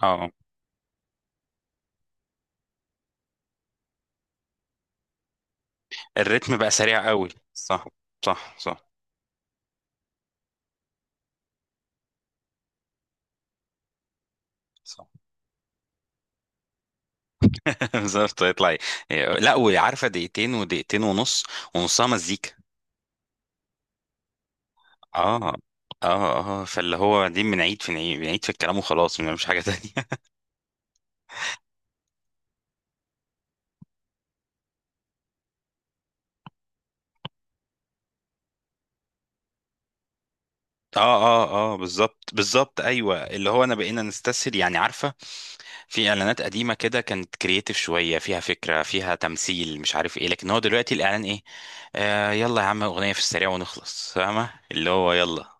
اه، الريتم بقى سريع قوي، صح صح صح صح. بالظبط يطلع لا. وعارفه دقيقتين، ودقيقتين ونص، ونصها مزيكا. اه اه اه، فاللي هو دي بنعيد في الكلام وخلاص، مش حاجه تانية. اه اه اه بالظبط بالظبط، ايوه اللي هو انا بقينا نستسهل، يعني عارفه. في اعلانات قديمه كده كانت كرييتيف شويه، فيها فكره فيها تمثيل، مش عارف ايه، لكن هو دلوقتي الاعلان ايه؟ آه يلا يا عم، اغنيه في السريع ونخلص، فاهمه اللي هو يلا.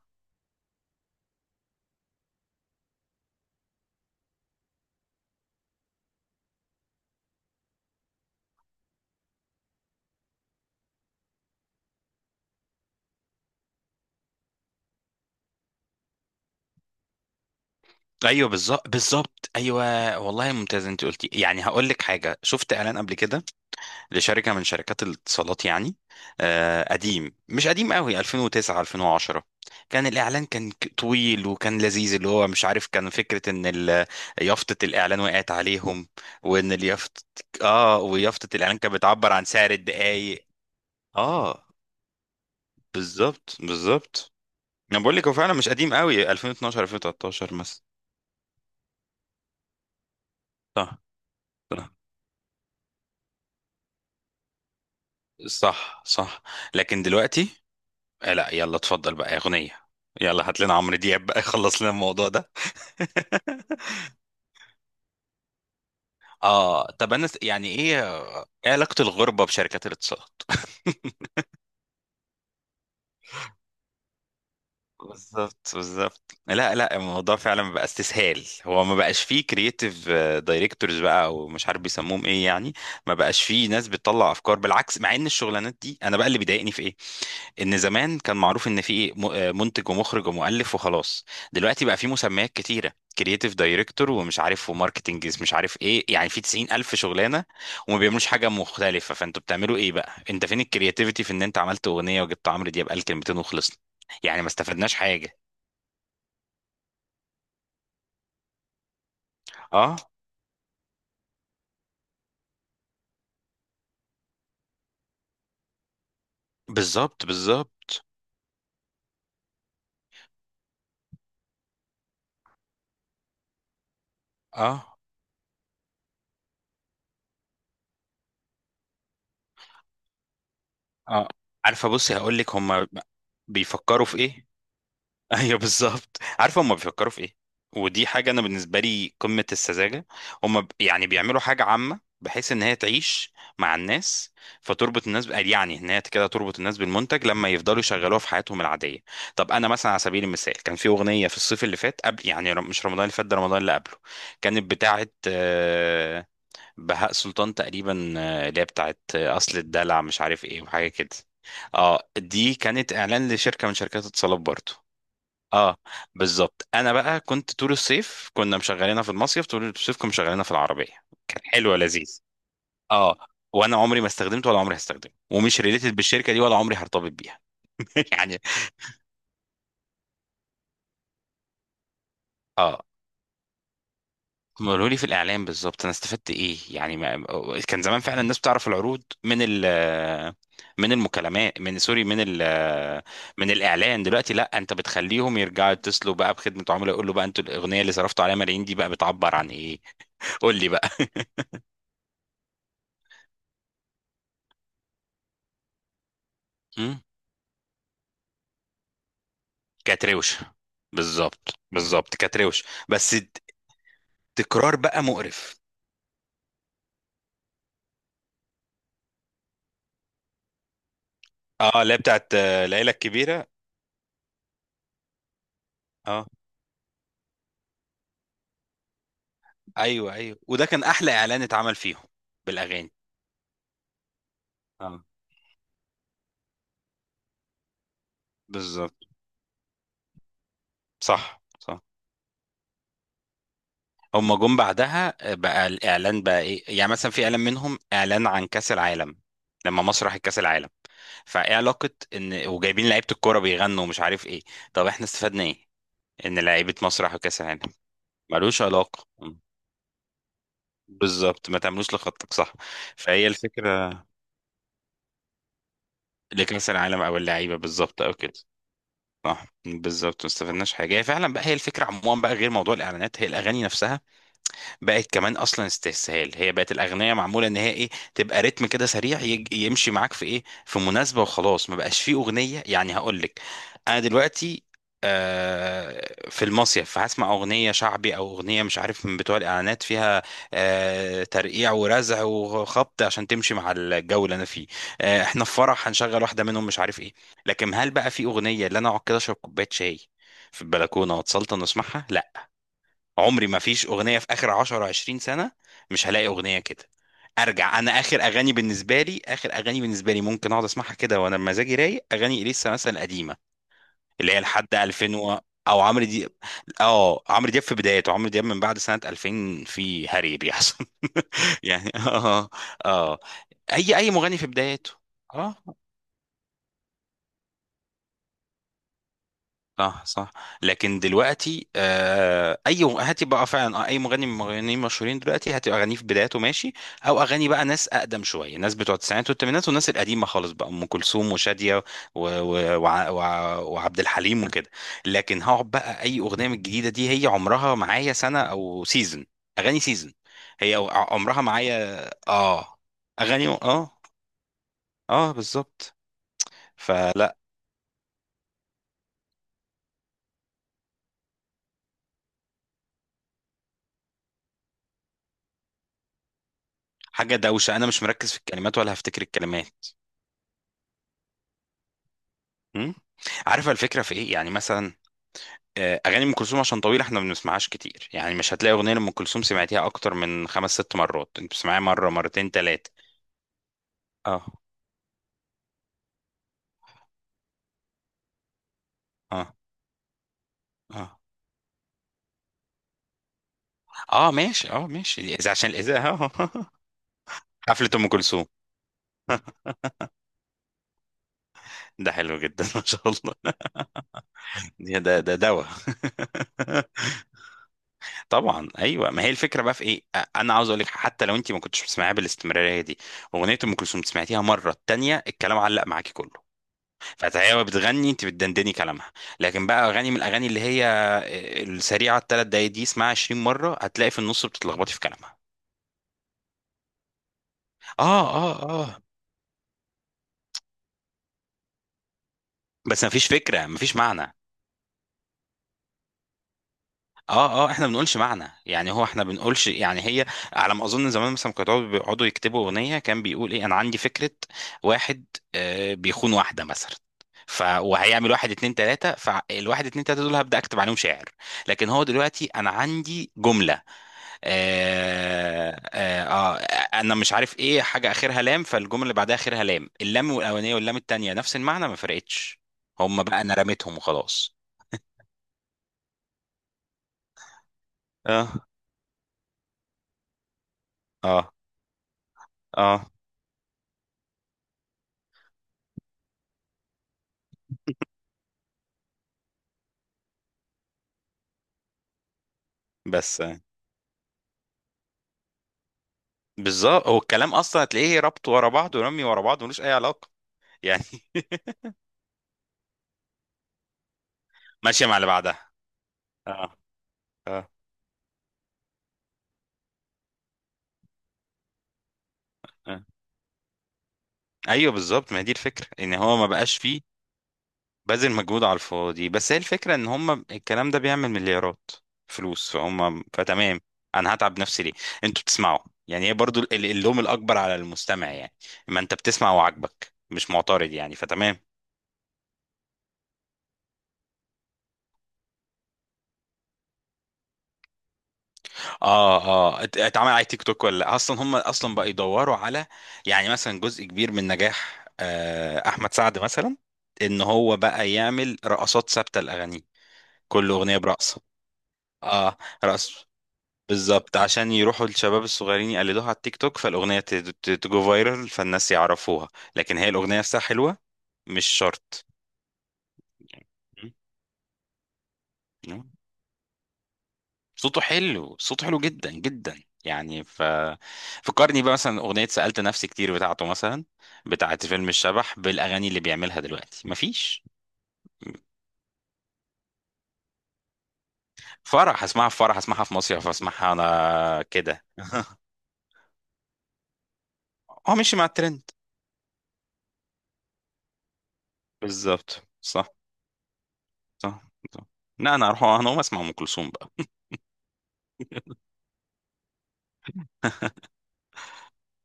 ايوه بالظبط بالظبط ايوه. والله ممتاز انت قلتي، يعني هقول لك حاجه. شفت اعلان قبل كده لشركه من شركات الاتصالات، يعني آه قديم، مش قديم قوي، 2009 2010. كان الاعلان طويل وكان لذيذ، اللي هو مش عارف، كان فكره ان يافطه الاعلان وقعت عليهم، وان اليافطه، اه ويافطه الاعلان كانت بتعبر عن سعر الدقايق. اه بالظبط بالظبط، انا بقول لك هو فعلا مش قديم قوي، 2012 2013 مثلا. صح صح صح. لكن دلوقتي آه لا، يلا اتفضل بقى اغنيه. يلا هات لنا عمرو دياب بقى يخلص لنا الموضوع ده. اه طب انا ايه علاقه الغربه بشركات الاتصالات؟ بالظبط بالظبط، لا لا، الموضوع فعلا بقى استسهال، هو ما بقاش فيه كرييتيف دايركتورز بقى، او مش عارف بيسموهم ايه يعني. ما بقاش فيه ناس بتطلع افكار، بالعكس، مع ان الشغلانات دي انا بقى اللي بيضايقني في ايه، ان زمان كان معروف ان في ايه منتج ومخرج ومؤلف وخلاص. دلوقتي بقى في مسميات كتيره، كرييتيف دايركتور ومش عارف، وماركتنج مش عارف ايه، يعني في 90 الف شغلانه، وما بيعملوش حاجه مختلفه. فانتوا بتعملوا ايه بقى؟ انت فين الكرياتيفيتي في ان انت عملت اغنيه، وجبت عمرو دياب قال كلمتين وخلصنا؟ يعني ما استفدناش حاجة. اه بالظبط بالظبط، اه اه، عارفة بصي هقول لك، هما بيفكروا في ايه. ايوه بالظبط، عارفة هما بيفكروا في ايه. ودي حاجة انا بالنسبة لي قمة السذاجة. هما يعني بيعملوا حاجة عامة بحيث ان هي تعيش مع الناس، فتربط الناس يعني ان هي كده تربط الناس بالمنتج، لما يفضلوا يشغلوها في حياتهم العادية. طب انا مثلا على سبيل المثال كان في اغنية في الصيف اللي فات، قبل يعني مش رمضان اللي فات ده، رمضان اللي قبله. كانت بتاعة بهاء سلطان تقريبا، اللي هي بتاعت اصل الدلع مش عارف ايه، وحاجه كده. اه، دي كانت اعلان لشركه من شركات اتصالات برضو. اه بالظبط، انا بقى كنت طول الصيف كنا مشغلينها في المصيف، طول الصيف كنا مشغلينها في العربيه، كان حلو لذيذ. اه، وانا عمري ما استخدمته ولا عمري هستخدمه، ومش ريليتد بالشركه دي، ولا عمري هرتبط بيها. يعني اه، هم قالوا لي في الاعلام بالظبط انا استفدت ايه، يعني ما كان زمان فعلا الناس بتعرف العروض من ال، من المكالمات، من سوري، من ال، من الاعلان. دلوقتي لا، انت بتخليهم يرجعوا يتصلوا بقى بخدمه عملاء، يقول له بقى انتوا الاغنيه اللي صرفتوا عليها ملايين دي بقى بتعبر عن ايه؟ قول لي بقى. مم. كانت روشه. بالظبط بالظبط، كانت روشه، بس تكرار بقى مقرف. اه، اللي هي بتاعت العيله الكبيره. اه ايوه ايوه، وده كان احلى اعلان اتعمل فيهم بالاغاني. اه بالظبط، صح صح. هما جم بعدها بقى الاعلان بقى ايه، يعني مثلا في اعلان منهم اعلان عن كاس العالم، لما مصر راحت كاس العالم، فايه علاقه ان وجايبين لعيبه الكوره بيغنوا ومش عارف ايه؟ طب احنا استفدنا ايه ان لعيبه مصر راحوا كاس العالم؟ ملوش علاقه. بالظبط، ما تعملوش لخطك صح. فهي الفكره لكاس العالم او اللعيبه، بالظبط، او كده. صح بالظبط، ما استفدناش حاجه. هي فعلا بقى هي الفكره عموما بقى، غير موضوع الاعلانات، هي الاغاني نفسها بقت كمان اصلا استسهال. هي بقت الاغنيه معموله ان هي ايه، تبقى رتم كده سريع يمشي معاك في ايه، في مناسبه، وخلاص. ما بقاش فيه اغنيه، يعني هقول لك انا دلوقتي في المصيف فهسمع اغنيه شعبي، او اغنيه مش عارف من بتوع الاعلانات فيها ترقيع ورزع وخبط، عشان تمشي مع الجو اللي انا فيه. احنا في فرح هنشغل واحده منهم، مش عارف ايه. لكن هل بقى في اغنيه اللي انا اقعد كده اشرب كوبايه شاي في البلكونه واتسلطن واسمعها؟ لا، عمري، ما فيش اغنيه في اخر 10 20 سنه، مش هلاقي اغنيه كده. ارجع، انا اخر اغاني بالنسبه لي، اخر اغاني بالنسبه لي ممكن اقعد اسمعها كده وانا مزاجي رايق، اغاني اليسا مثلا القديمه، اللي هي لحد 2000 او عمرو دياب. اه عمرو دياب في بدايته، عمرو دياب من بعد سنه 2000 في هري بيحصل. يعني اه اه، اي اي مغني في بدايته. اه صح صح. لكن دلوقتي آه، اي هاتي بقى فعلا، اي مغني من المغنيين المشهورين دلوقتي، هتبقى اغانيه في بداياته ماشي، او اغاني بقى ناس اقدم شويه، ناس بتوع التسعينات والثمانينات، والناس القديمه خالص بقى، ام كلثوم وشاديه وعبد الحليم وكده. لكن هقعد بقى اي اغنيه من الجديده دي، هي عمرها معايا سنه او سيزون، اغاني سيزون، هي عمرها معايا، اه اغاني، اه اه بالظبط. فلا، حاجه دوشه، انا مش مركز في الكلمات ولا هفتكر الكلمات. مم. عارفه الفكره في ايه؟ يعني مثلا اغاني ام كلثوم عشان طويله احنا ما بنسمعهاش كتير، يعني مش هتلاقي اغنيه لام كلثوم سمعتيها اكتر من خمس ست مرات، انت بتسمعيها مره، مرتين، ثلاثه. اه اه اه، اه ماشي اه ماشي، اذا عشان الاذاعه. حفله ام كلثوم ده حلو جدا. ما شاء الله. ده ده ده دواء. طبعا ايوه، ما هي الفكره بقى في ايه، انا عاوز اقول لك، حتى لو انت ما كنتش بتسمعيها بالاستمراريه دي، اغنيه ام كلثوم سمعتيها مره التانيه الكلام علق معاكي كله، فهي بتغني انت بتدندني كلامها. لكن بقى اغاني من الاغاني اللي هي السريعه الثلاث دقايق دي، اسمعها 20 مره هتلاقي في النص بتتلخبطي في كلامها. اه اه اه، بس مفيش فكره، مفيش معنى. اه اه، احنا بنقولش معنى، يعني هو احنا بنقولش، يعني هي على ما اظن زمان مثلا كانوا يقعدوا بيقعدوا يكتبوا اغنيه، كان بيقول ايه، انا عندي فكره واحد، بيخون واحده مثلا، ف وهيعمل واحد اتنين تلاته، فالواحد اتنين تلاته دول هبدا اكتب عليهم شعر. لكن هو دلوقتي انا عندي جمله آه آه آه انا مش عارف ايه حاجه اخرها لام، فالجمله اللي بعدها اخرها لام، اللام الاولانيه واللام التانيه نفس المعنى ما فرقتش، هم بقى انا رميتهم وخلاص. اه اه اه بس، بالظبط، هو الكلام اصلا هتلاقيه ربط ورا بعض، ورمي ورا بعض ملوش اي علاقه، يعني. ماشيه مع اللي بعدها، اه اه. آه. ايوه بالظبط، ما هي دي الفكره ان هو ما بقاش فيه بذل مجهود على الفاضي، بس هي الفكره ان هم الكلام ده بيعمل مليارات فلوس، فهم فتمام. انا هتعب نفسي ليه؟ انتوا بتسمعوا، يعني هي برضو ال، اللوم الاكبر على المستمع، يعني ما انت بتسمع وعاجبك مش معترض يعني، فتمام. اه اه، اتعمل على تيك توك ولا لأ؟ اصلا هم اصلا بقى يدوروا على، يعني مثلا جزء كبير من نجاح احمد سعد مثلا، ان هو بقى يعمل رقصات ثابته لاغانيه، كل اغنيه برقصه. اه رقص. بالظبط عشان يروحوا الشباب الصغيرين يقلدوها على التيك توك، فالاغنيه تجو فايرال، فالناس يعرفوها. لكن هي الاغنيه نفسها حلوه، مش شرط. صوته حلو، صوته حلو جدا جدا، يعني ف، فكرني بقى مثلا اغنيه سالت نفسي، كتير بتاعته مثلا بتاعت فيلم الشبح، بالاغاني اللي بيعملها دلوقتي مفيش. فرح هسمعها، في فرح هسمعها، في مصيف هسمعها، انا كده. هو ماشي مع الترند. بالظبط صح صح صح. لا انا هروح، انا هقوم اسمع ام كلثوم بقى.